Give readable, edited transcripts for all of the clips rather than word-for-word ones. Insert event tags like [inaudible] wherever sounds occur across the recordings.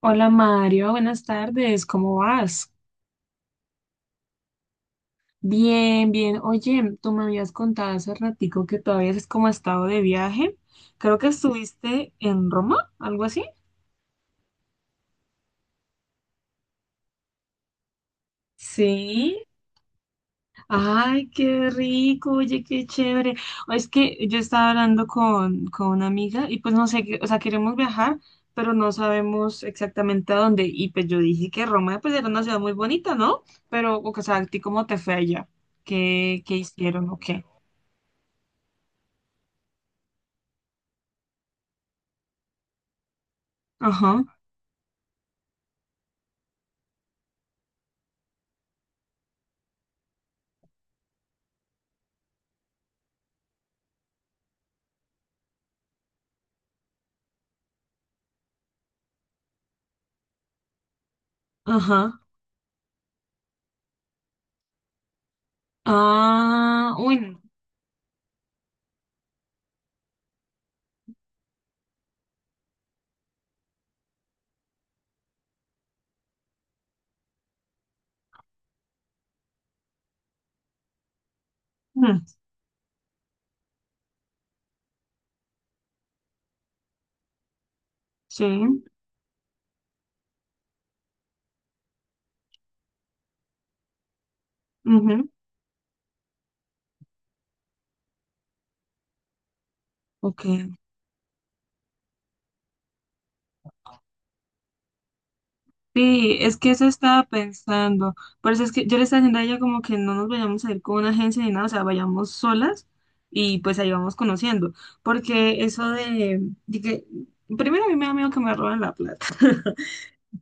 Hola Mario, buenas tardes, ¿cómo vas? Bien, bien. Oye, tú me habías contado hace ratico que todavía es como estado de viaje. Creo que estuviste en Roma, algo así. Sí. Ay, qué rico, oye, qué chévere. O es que yo estaba hablando con una amiga y pues no sé, o sea, queremos viajar, pero no sabemos exactamente a dónde. Y pues yo dije que Roma pues era una ciudad muy bonita, ¿no? Pero, o sea, ¿a ti cómo te fue allá? ¿Qué hicieron o qué? Ajá. Ajá. Ah, uy, no. Mm. Sí. Ujú. Ok. Sí, es que eso estaba pensando. Por eso es que yo le estaba diciendo a ella como que no nos vayamos a ir con una agencia ni nada, o sea, vayamos solas y pues ahí vamos conociendo. Porque eso de que, primero a mí me da miedo que me roben la plata. [laughs]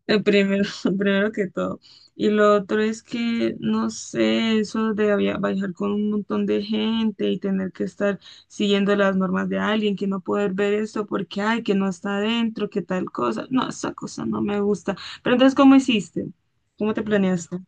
El primero, [laughs] el primero que todo. Y lo otro es que, no sé, eso de viajar con un montón de gente y tener que estar siguiendo las normas de alguien, que no poder ver esto porque, ay, que no está adentro, que tal cosa. No, esa cosa no me gusta. Pero entonces, ¿cómo hiciste? ¿Cómo te planeaste?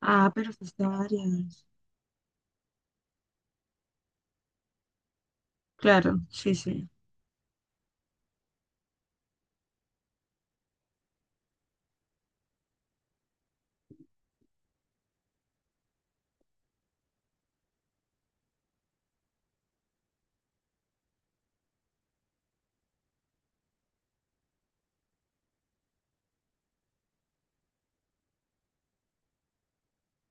Ah, pero fuiste a varias. Claro, sí, sí.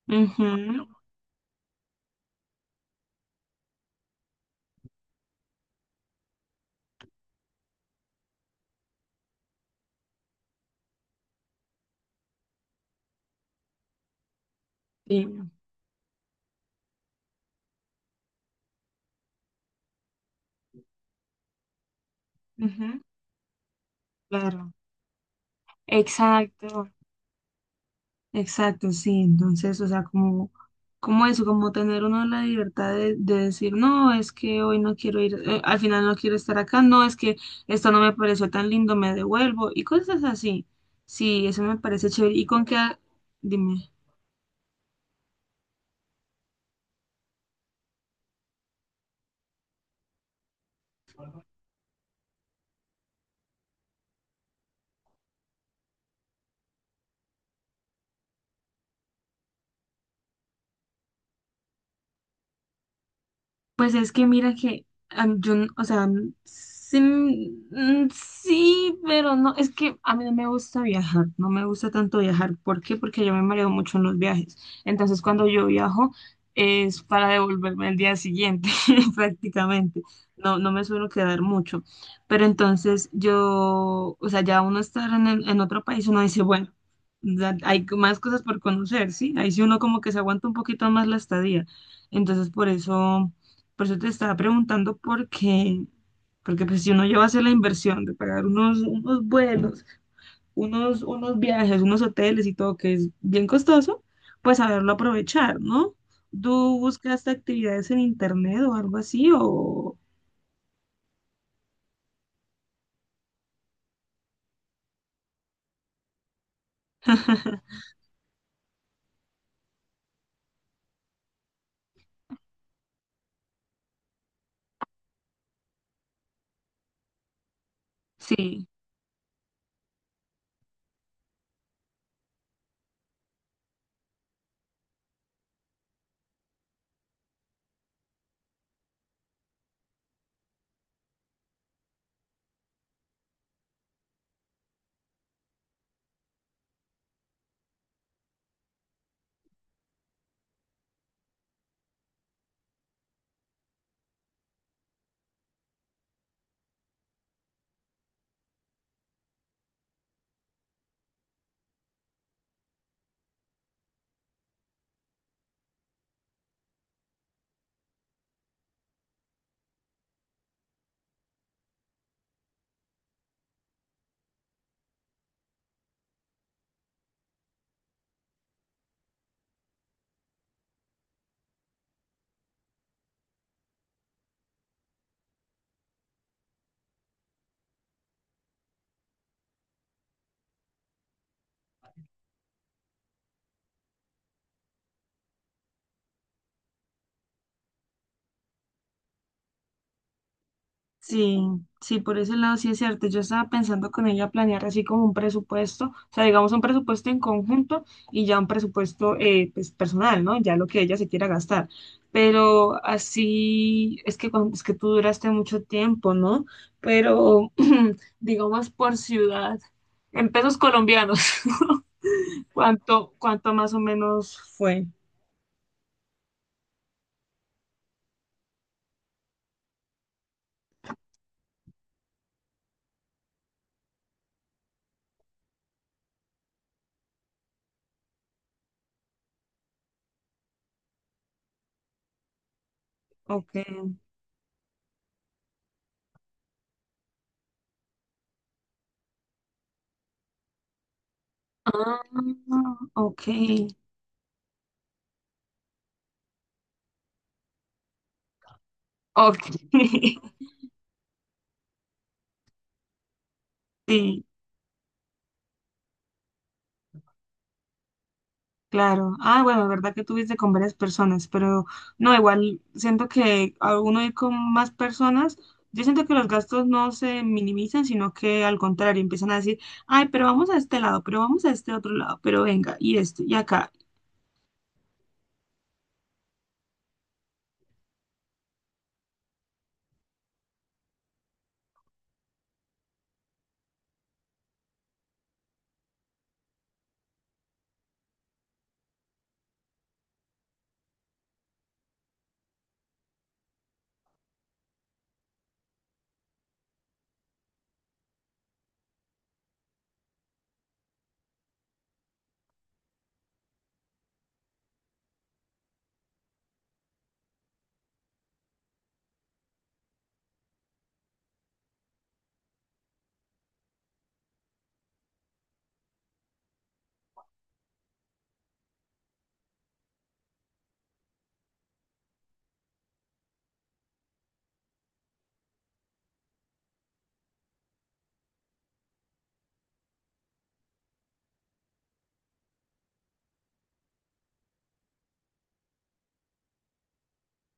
Ujú. Sí, ujú, claro. Exacto. Exacto, sí. Entonces, o sea, como, como eso, como tener uno la libertad de decir, no, es que hoy no quiero ir, al final no quiero estar acá, no, es que esto no me pareció tan lindo, me devuelvo y cosas así. Sí, eso me parece chévere. ¿Y con qué? Dime. Pues es que mira que yo, o sea, sí, pero no, es que a mí no me gusta viajar, no me gusta tanto viajar. ¿Por qué? Porque yo me mareo mucho en los viajes. Entonces, cuando yo viajo es para devolverme el día siguiente, [laughs] prácticamente. No, no me suelo quedar mucho. Pero entonces yo, o sea, ya uno estar en, en otro país, uno dice, bueno, ya hay más cosas por conocer, ¿sí? Ahí sí uno como que se aguanta un poquito más la estadía. Entonces, por eso. Por eso te estaba preguntando por qué, porque pues si uno lleva a hacer la inversión de pagar unos vuelos, unos viajes, unos hoteles y todo, que es bien costoso, pues saberlo aprovechar, ¿no? ¿Tú buscaste actividades en internet o algo así? O [laughs] sí. Sí, sí, por ese lado sí es cierto. Yo estaba pensando con ella planear así como un presupuesto, o sea, digamos un presupuesto en conjunto y ya un presupuesto pues, personal, ¿no? Ya lo que ella se quiera gastar. Pero así es que es que tú duraste mucho tiempo, ¿no? Pero [clears throat] digamos por ciudad, en pesos colombianos, [laughs] ¿cuánto más o menos fue? Ok. Ah, ok. Ok. [laughs] Sí. Claro. Ah, bueno, es verdad que tuviste con varias personas, pero no, igual siento que a uno ir con más personas, yo siento que los gastos no se minimizan, sino que al contrario, empiezan a decir, ay, pero vamos a este lado, pero vamos a este otro lado, pero venga, y esto, y acá.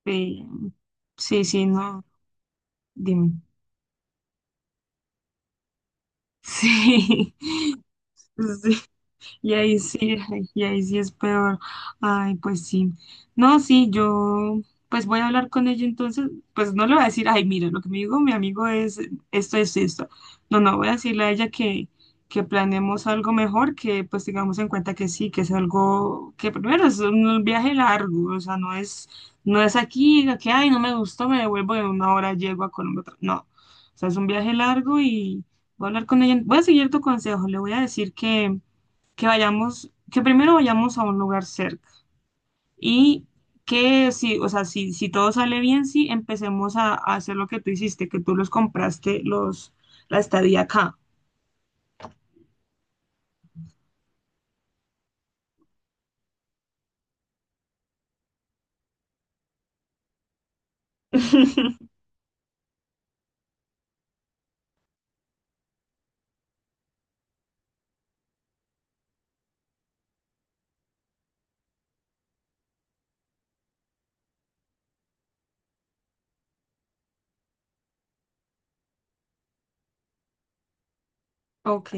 Eh, sí, sí, no, dime. [laughs] Sí, [laughs] sí. Y ahí sí, ay, y ahí sí es peor. Ay, pues sí. No, sí, yo pues voy a hablar con ella entonces, pues no le voy a decir, ay, mira, lo que me dijo mi amigo es esto, esto, y esto. No, no, voy a decirle a ella que planeemos algo mejor, que pues tengamos en cuenta que sí, que es algo, que primero es un viaje largo, o sea, no es, no es aquí, que ay, no me gustó, me devuelvo en una hora, llego a Colombia. No, o sea, es un viaje largo y voy a hablar con ella. Voy a seguir tu consejo, le voy a decir que vayamos, que primero vayamos a un lugar cerca y que si, o sea, si, si todo sale bien, sí, empecemos a hacer lo que tú hiciste, que tú los compraste, los, la estadía acá. Ok.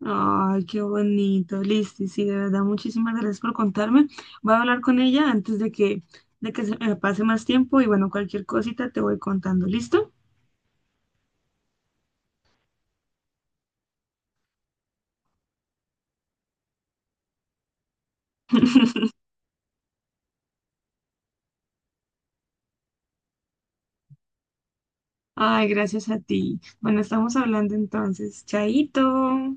Ay, qué bonito, listo, sí, de verdad, muchísimas gracias por contarme. Voy a hablar con ella antes de que se me pase más tiempo y bueno, cualquier cosita te voy contando, ¿listo? Ay, gracias a ti. Bueno, estamos hablando entonces, chaito.